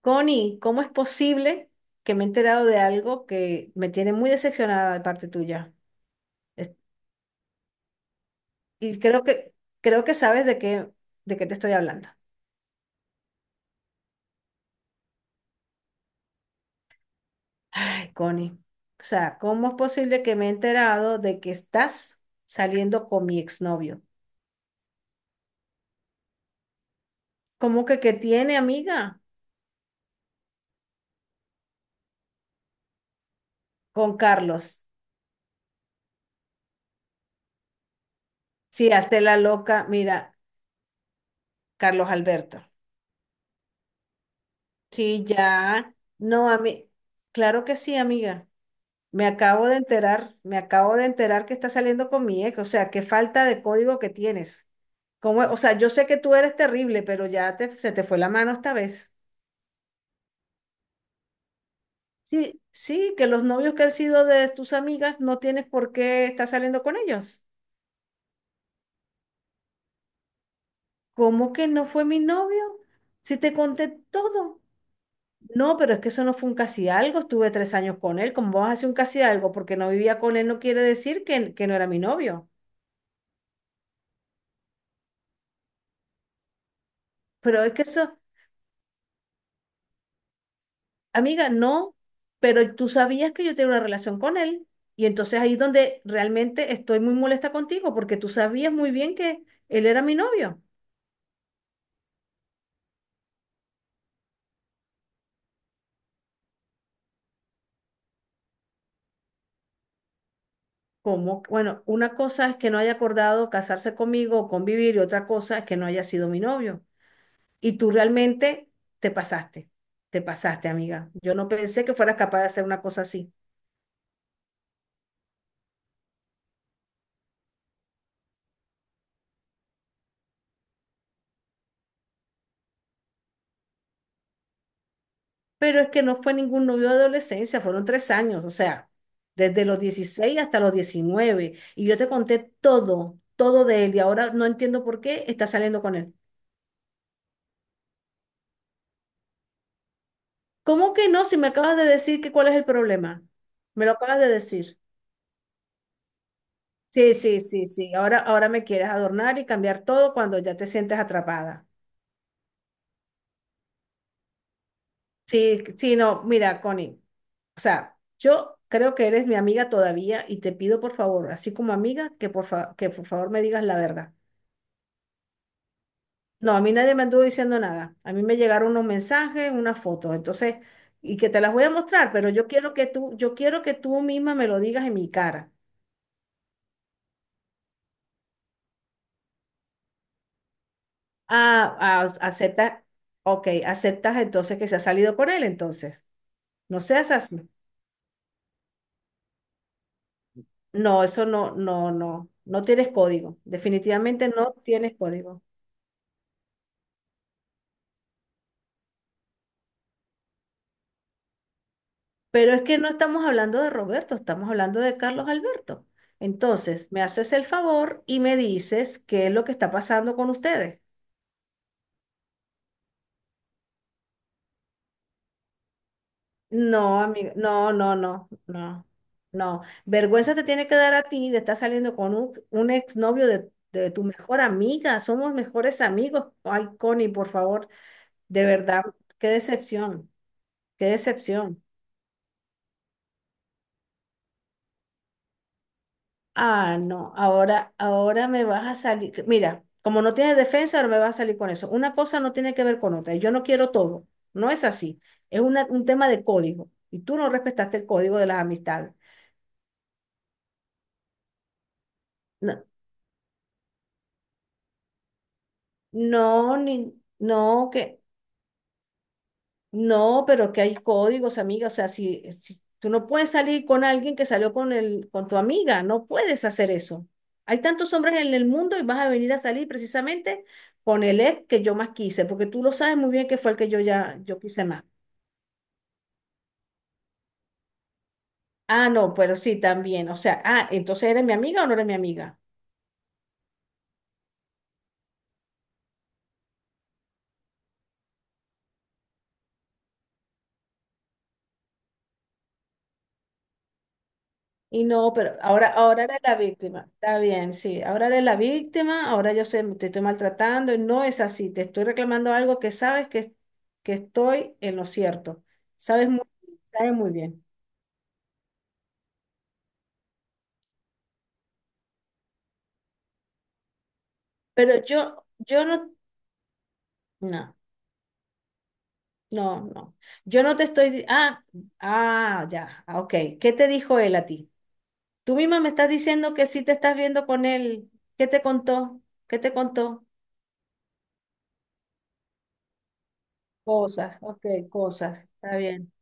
Connie, ¿cómo es posible que me he enterado de algo que me tiene muy decepcionada de parte tuya? Es- Y creo que sabes de qué te estoy hablando. Ay, Connie. O sea, ¿cómo es posible que me he enterado de que estás saliendo con mi exnovio? ¿Cómo que tiene, amiga? Con Carlos. Sí, hazte la loca. Mira, Carlos Alberto. Sí, ya. No, a mí. Claro que sí, amiga. Me acabo de enterar, me acabo de enterar que estás saliendo con mi ex, o sea, qué falta de código que tienes. ¿Cómo es? O sea, yo sé que tú eres terrible, pero ya te, se te fue la mano esta vez. Sí, sí, que los novios que han sido de tus amigas no tienes por qué estar saliendo con ellos. ¿Cómo que no fue mi novio? Si te conté todo. No, pero es que eso no fue un casi algo, estuve 3 años con él. ¿Cómo vas a hacer un casi algo? Porque no vivía con él no quiere decir que no era mi novio. Pero es que eso, amiga, no, pero tú sabías que yo tenía una relación con él y entonces ahí es donde realmente estoy muy molesta contigo porque tú sabías muy bien que él era mi novio. Como, bueno, una cosa es que no haya acordado casarse conmigo o convivir y otra cosa es que no haya sido mi novio. Y tú realmente te pasaste, te pasaste, amiga. Yo no pensé que fueras capaz de hacer una cosa así. Pero es que no fue ningún novio de adolescencia, fueron 3 años, o sea, desde los 16 hasta los 19. Y yo te conté todo, todo de él, y ahora no entiendo por qué está saliendo con él. ¿Cómo que no? Si me acabas de decir que cuál es el problema. Me lo acabas de decir. Sí, sí, sí, sí. Ahora me quieres adornar y cambiar todo cuando ya te sientes atrapada. Sí, sí, no, mira, Connie. O sea, yo creo que eres mi amiga todavía y te pido por favor, así como amiga, que por favor me digas la verdad. No, a mí nadie me anduvo diciendo nada. A mí me llegaron unos mensajes, unas fotos, entonces, y que te las voy a mostrar, pero yo quiero que tú, yo quiero que tú misma me lo digas en mi cara. Ah, ah, aceptas, ok, aceptas entonces que se ha salido con él, entonces. No seas así. No, eso no, no, no, no tienes código. Definitivamente no tienes código. Pero es que no estamos hablando de Roberto, estamos hablando de Carlos Alberto. Entonces, me haces el favor y me dices qué es lo que está pasando con ustedes. No, amigo, no, no, no, no, no. Vergüenza te tiene que dar a ti de estar saliendo con un exnovio de tu mejor amiga. Somos mejores amigos. Ay, Connie, por favor, de verdad, qué decepción, qué decepción. Ah, no, ahora me vas a salir. Mira, como no tienes defensa, ahora me vas a salir con eso. Una cosa no tiene que ver con otra. Yo no quiero todo. No es así. Es un tema de código. Y tú no respetaste el código de las amistades. No, no, ni, no, que, no, pero que hay códigos, amiga. O sea, si tú no puedes salir con alguien que salió con tu amiga, no puedes hacer eso. Hay tantos hombres en el mundo y vas a venir a salir precisamente con el ex que yo más quise, porque tú lo sabes muy bien que fue el que yo quise más. Ah, no, pero sí, también. O sea, ah, entonces eres mi amiga o no eres mi amiga. Y no, pero ahora eres la víctima. Está bien, sí. Ahora eres la víctima, ahora te estoy maltratando y no es así. Te estoy reclamando algo que sabes que estoy en lo cierto. Sabes muy, sabes muy bien. Pero yo no, no, no, no. Yo no te estoy, ah, ah, ya, ah, ok. ¿Qué te dijo él a ti? Tú misma me estás diciendo que sí te estás viendo con él. ¿Qué te contó? ¿Qué te contó? Cosas, ok, cosas. Está bien.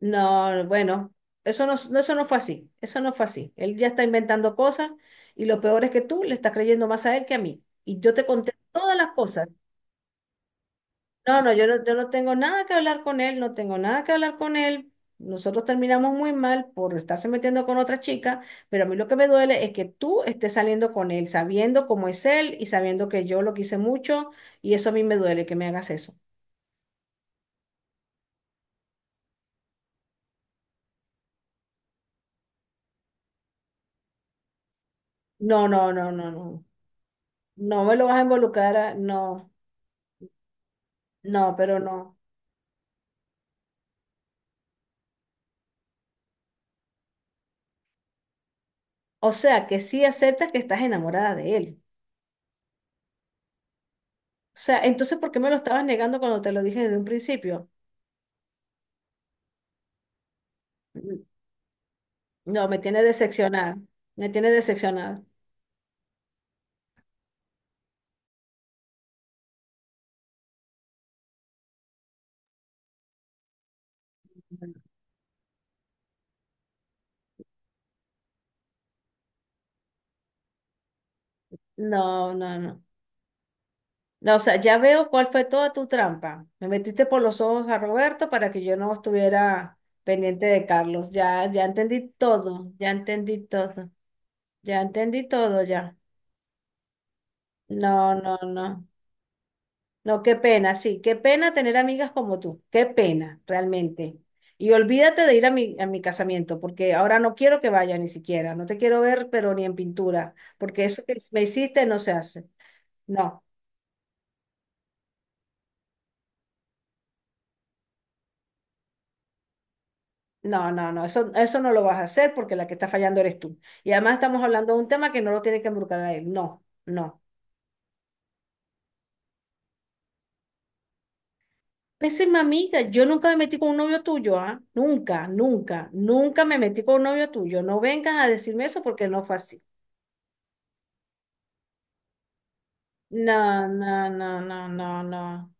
No, bueno, eso no fue así, eso no fue así. Él ya está inventando cosas y lo peor es que tú le estás creyendo más a él que a mí. Y yo te conté todas las cosas. No, no, yo no tengo nada que hablar con él, no tengo nada que hablar con él. Nosotros terminamos muy mal por estarse metiendo con otra chica, pero a mí lo que me duele es que tú estés saliendo con él, sabiendo cómo es él y sabiendo que yo lo quise mucho y eso a mí me duele que me hagas eso. No, no, no, no, no. No me lo vas a involucrar, no, no, pero no. O sea, que sí aceptas que estás enamorada de él. O sea, entonces, ¿por qué me lo estabas negando cuando te lo dije desde un principio? Mm. No, me tiene decepcionada. Me tiene decepcionada. No, no, no. No, o sea, ya veo cuál fue toda tu trampa. Me metiste por los ojos a Roberto para que yo no estuviera pendiente de Carlos. Ya, ya entendí todo. Ya entendí todo. Ya entendí todo ya. No, no, no. No, qué pena, sí, qué pena tener amigas como tú, qué pena, realmente. Y olvídate de ir a mi casamiento, porque ahora no quiero que vaya ni siquiera, no te quiero ver, pero ni en pintura, porque eso que me hiciste no se hace. No, no, no, no, eso no lo vas a hacer porque la que está fallando eres tú. Y además estamos hablando de un tema que no lo tiene que embrucar a él, no, no. Pésima amiga, yo nunca me metí con un novio tuyo, ¿ah? Nunca, nunca, nunca me metí con un novio tuyo. No vengas a decirme eso porque no fue así. No, no, no, no, no, no,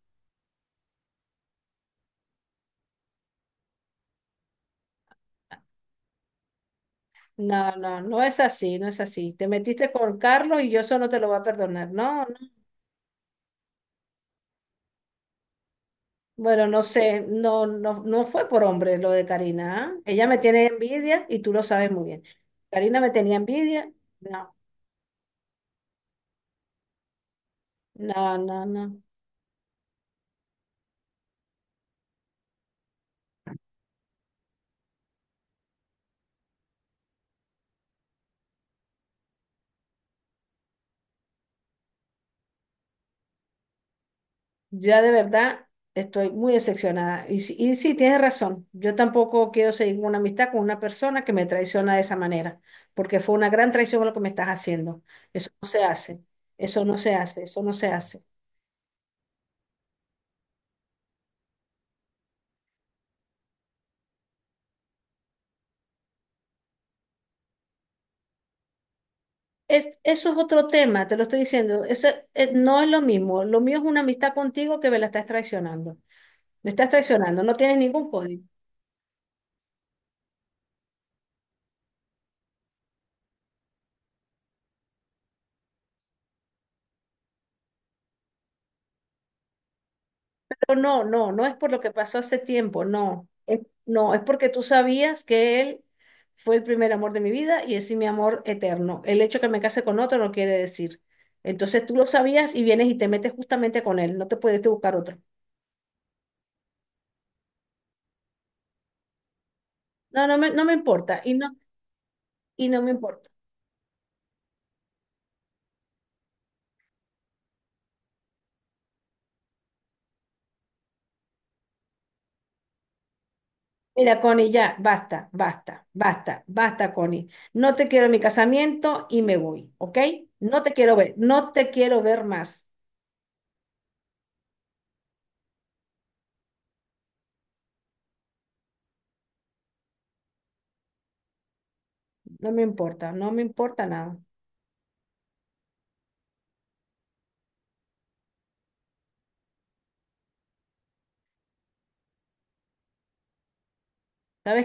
no, no, no es así, no es así. Te metiste con Carlos y yo eso no te lo voy a perdonar. No, no. Bueno, no sé, no, no, no fue por hombre lo de Karina, ¿ah? Ella me tiene envidia y tú lo sabes muy bien. Karina me tenía envidia. No, no, no, no. Ya de verdad estoy muy decepcionada. Y sí, tienes razón. Yo tampoco quiero seguir una amistad con una persona que me traiciona de esa manera, porque fue una gran traición lo que me estás haciendo. Eso no se hace. Eso no se hace. Eso no se hace. Es, eso es otro tema, te lo estoy diciendo. Ese, no es lo mismo. Lo mío es una amistad contigo que me la estás traicionando. Me estás traicionando. No tienes ningún código. No, no, no, no es por lo que pasó hace tiempo, no. Es, no, es porque tú sabías que él fue el primer amor de mi vida y es mi amor eterno. El hecho que me case con otro no quiere decir. Entonces tú lo sabías y vienes y te metes justamente con él, no te puedes buscar otro. No, no me importa y y no me importa. Mira, Connie, ya, basta, basta, basta, basta, Connie. No te quiero en mi casamiento y me voy, ¿ok? No te quiero ver, no te quiero ver más. No me importa, no me importa nada. ¿Sabes?